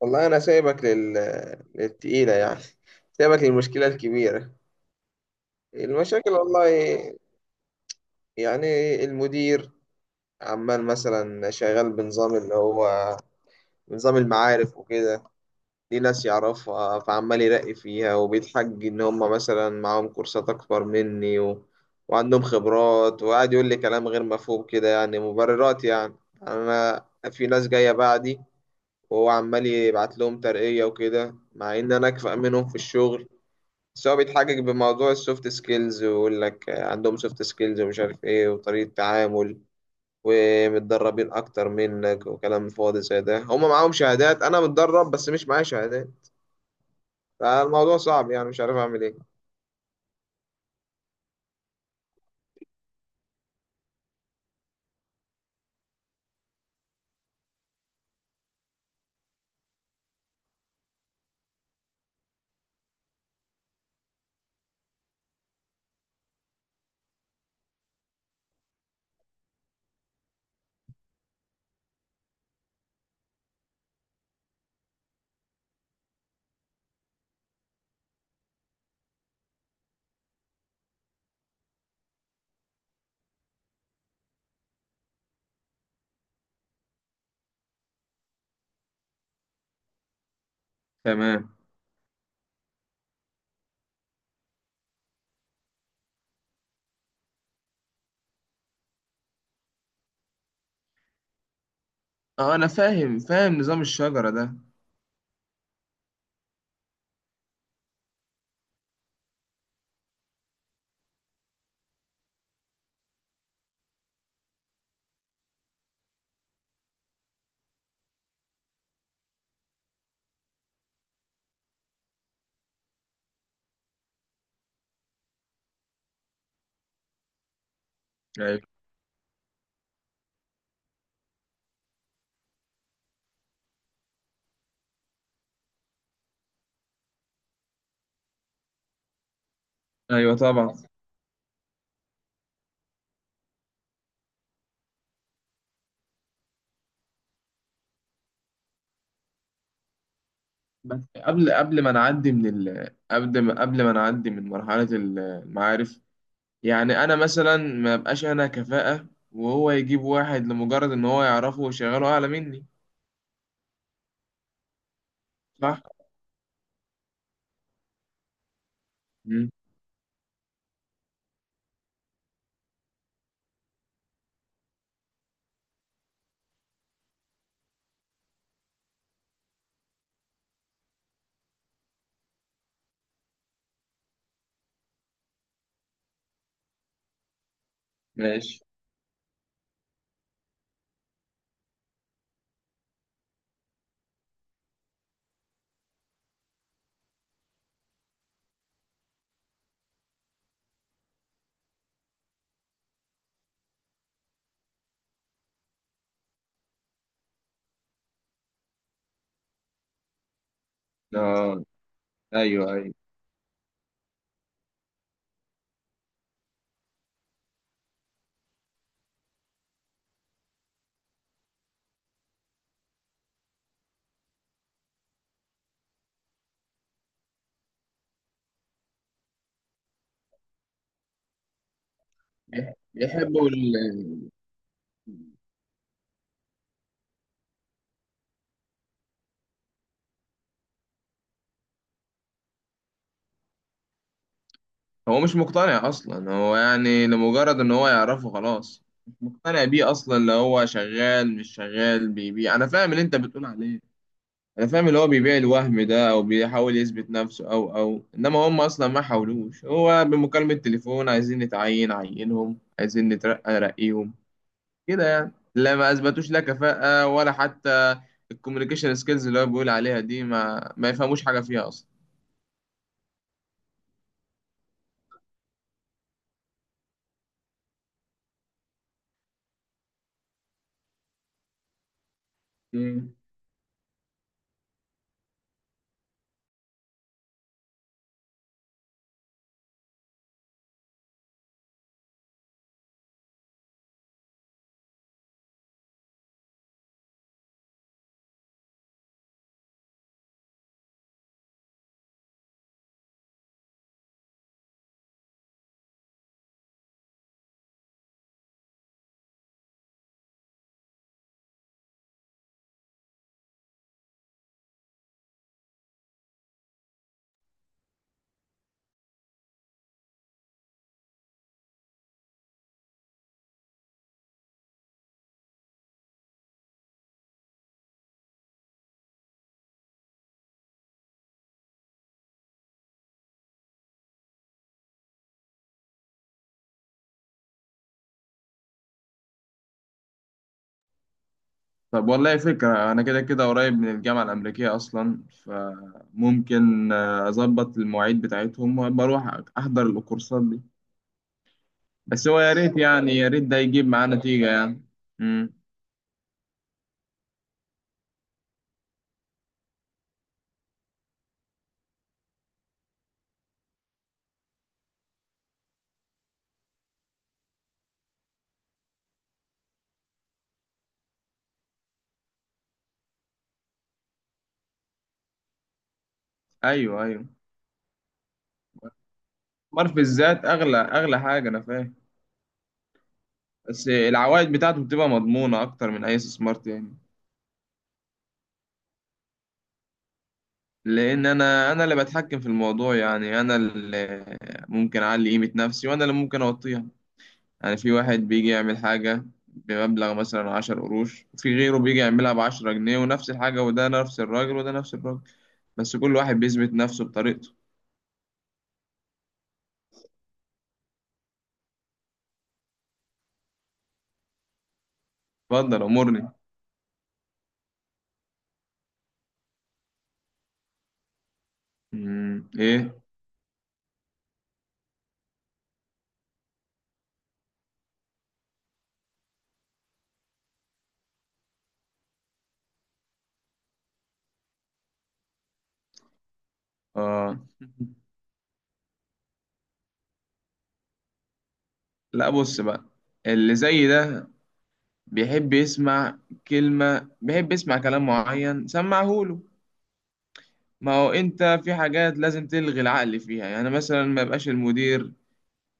والله أنا سايبك للتقيلة يعني. سايبك للمشكلة الكبيرة. المشاكل والله يعني، المدير عمال مثلا شغال بنظام اللي هو نظام المعارف وكده. دي ناس يعرفها فعمال يرقي فيها وبيتحج إن هم مثلا معاهم كورسات أكبر مني وعندهم خبرات، وقاعد يقول لي كلام غير مفهوم كده، يعني مبررات يعني. أنا في ناس جاية بعدي وهو عمال يبعت لهم ترقية وكده، مع إن أنا أكفأ منهم في الشغل. بس هو بيتحجج بموضوع السوفت سكيلز، ويقول لك عندهم سوفت سكيلز ومش عارف إيه وطريقة تعامل ومتدربين أكتر منك، وكلام فاضي زي ده. هما معاهم شهادات، أنا متدرب بس مش معايا شهادات. فالموضوع صعب يعني، مش عارف أعمل إيه. تمام. اه، انا فاهم نظام الشجرة ده. ايوه ايوه، طبعا. بس قبل ما نعدي من قبل ما نعدي من مرحلة المعارف، يعني انا مثلا ما بقاش انا كفاءة وهو يجيب واحد لمجرد ان هو يعرفه ويشغله اعلى مني. صح. مم. ماشي. اه، ايوه ايوه. بيحب ال... هو مش مقتنع اصلا، هو يعني لمجرد ان هو يعرفه خلاص. مش مقتنع بيه اصلا. اللي هو شغال مش شغال بيبيع، انا فاهم اللي انت بتقول عليه. انا فاهم اللي هو بيبيع الوهم ده، او بيحاول يثبت نفسه، او انما هم اصلا ما حاولوش. هو بمكالمة تليفون، عايزين نتعين عينهم، عايزين نترقى رقيهم، كده يعني. لا، ما اثبتوش لا كفاءة ولا حتى الكوميونيكيشن سكيلز اللي هو بيقول عليها دي، ما يفهموش حاجة فيها اصلا. مم. طب والله فكرة، أنا كده كده قريب من الجامعة الأمريكية أصلا، فممكن أظبط المواعيد بتاعتهم وبروح أحضر الكورسات دي. بس هو يا ريت يعني، يا ريت ده يجيب معاه نتيجة يعني. امم. أيوه أيوه، استثمار في الذات أغلى أغلى حاجة، أنا فاهم. بس العوائد بتاعته بتبقى مضمونة أكتر من أي استثمار تاني. لان انا اللي بتحكم في الموضوع، يعني انا اللي ممكن اعلي قيمة نفسي وانا اللي ممكن اوطيها. يعني في واحد بيجي يعمل حاجة بمبلغ مثلا 10 قروش، وفي غيره بيجي يعملها بعشرة جنيه، ونفس الحاجة، وده نفس الراجل وده نفس الراجل، بس كل واحد بيثبت نفسه بطريقته. اتفضل امرني. مم، ايه. اه. لا، بص بقى، اللي زي ده بيحب يسمع كلمة، بيحب يسمع كلام معين، سمعهوله. ما هو انت في حاجات لازم تلغي العقل فيها، يعني مثلا ما يبقاش المدير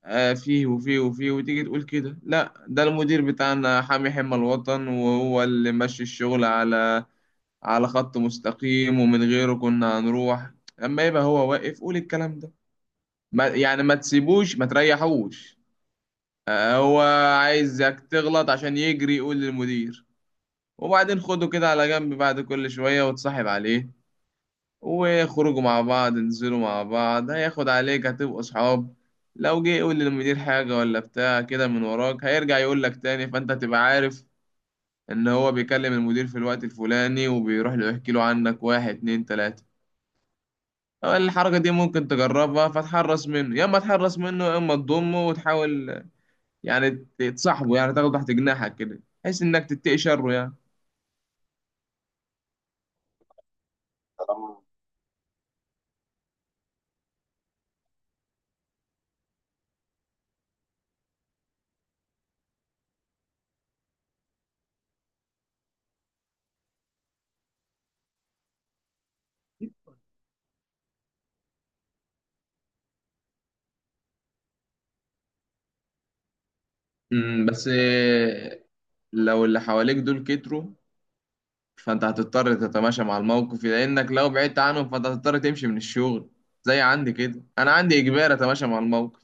فيه وفيه وفيه، وتيجي تقول كده لا ده المدير بتاعنا حامي حمى الوطن، وهو اللي ماشي الشغل على خط مستقيم، ومن غيره كنا هنروح. لما يبقى هو واقف قول الكلام ده. ما يعني ما تسيبوش ما تريحوش. هو عايزك تغلط عشان يجري يقول للمدير. وبعدين خده كده على جنب بعد كل شوية، وتصاحب عليه، وخرجوا مع بعض، انزلوا مع بعض، هياخد عليك هتبقوا صحاب. لو جه يقول للمدير حاجة ولا بتاع كده من وراك، هيرجع يقول لك تاني، فانت تبقى عارف ان هو بيكلم المدير في الوقت الفلاني، وبيروح له يحكي له عنك، واحد اتنين تلاتة. الحركة دي ممكن تجربها، فتحرص منه. يا اما تحرص منه، يا اما تضمه وتحاول يعني تصاحبه، يعني تاخده تحت جناحك كده بحيث انك تتقي شره يعني. مم، بس لو اللي حواليك دول كتروا، فانت هتضطر تتماشى مع الموقف، لانك لو بعدت عنهم فانت هتضطر تمشي من الشغل. زي عندي كده، انا عندي اجبار اتماشى مع الموقف.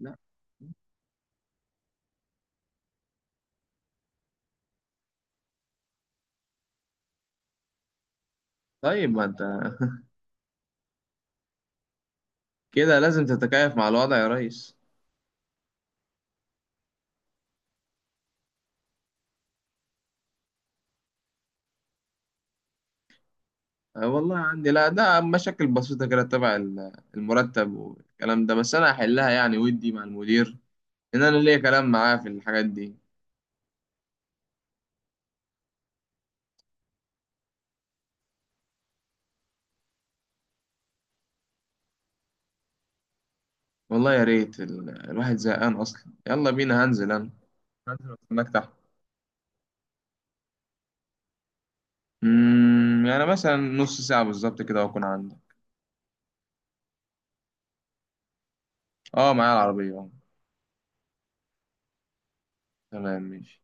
لا. طيب ما انت كده لازم تتكيف مع الوضع يا ريس. أه والله عندي، لا ده مشاكل بسيطة كده تبع المرتب والكلام ده، بس انا هحلها يعني، ودي مع المدير ان انا ليا كلام معاه في الحاجات دي. والله يا ريت، الواحد زهقان اصلا. يلا بينا، انا هنزل استناك تحت. يعني مثلا نص ساعة بالظبط كده واكون عندي. اه، معايا العربية اه. تمام ماشي.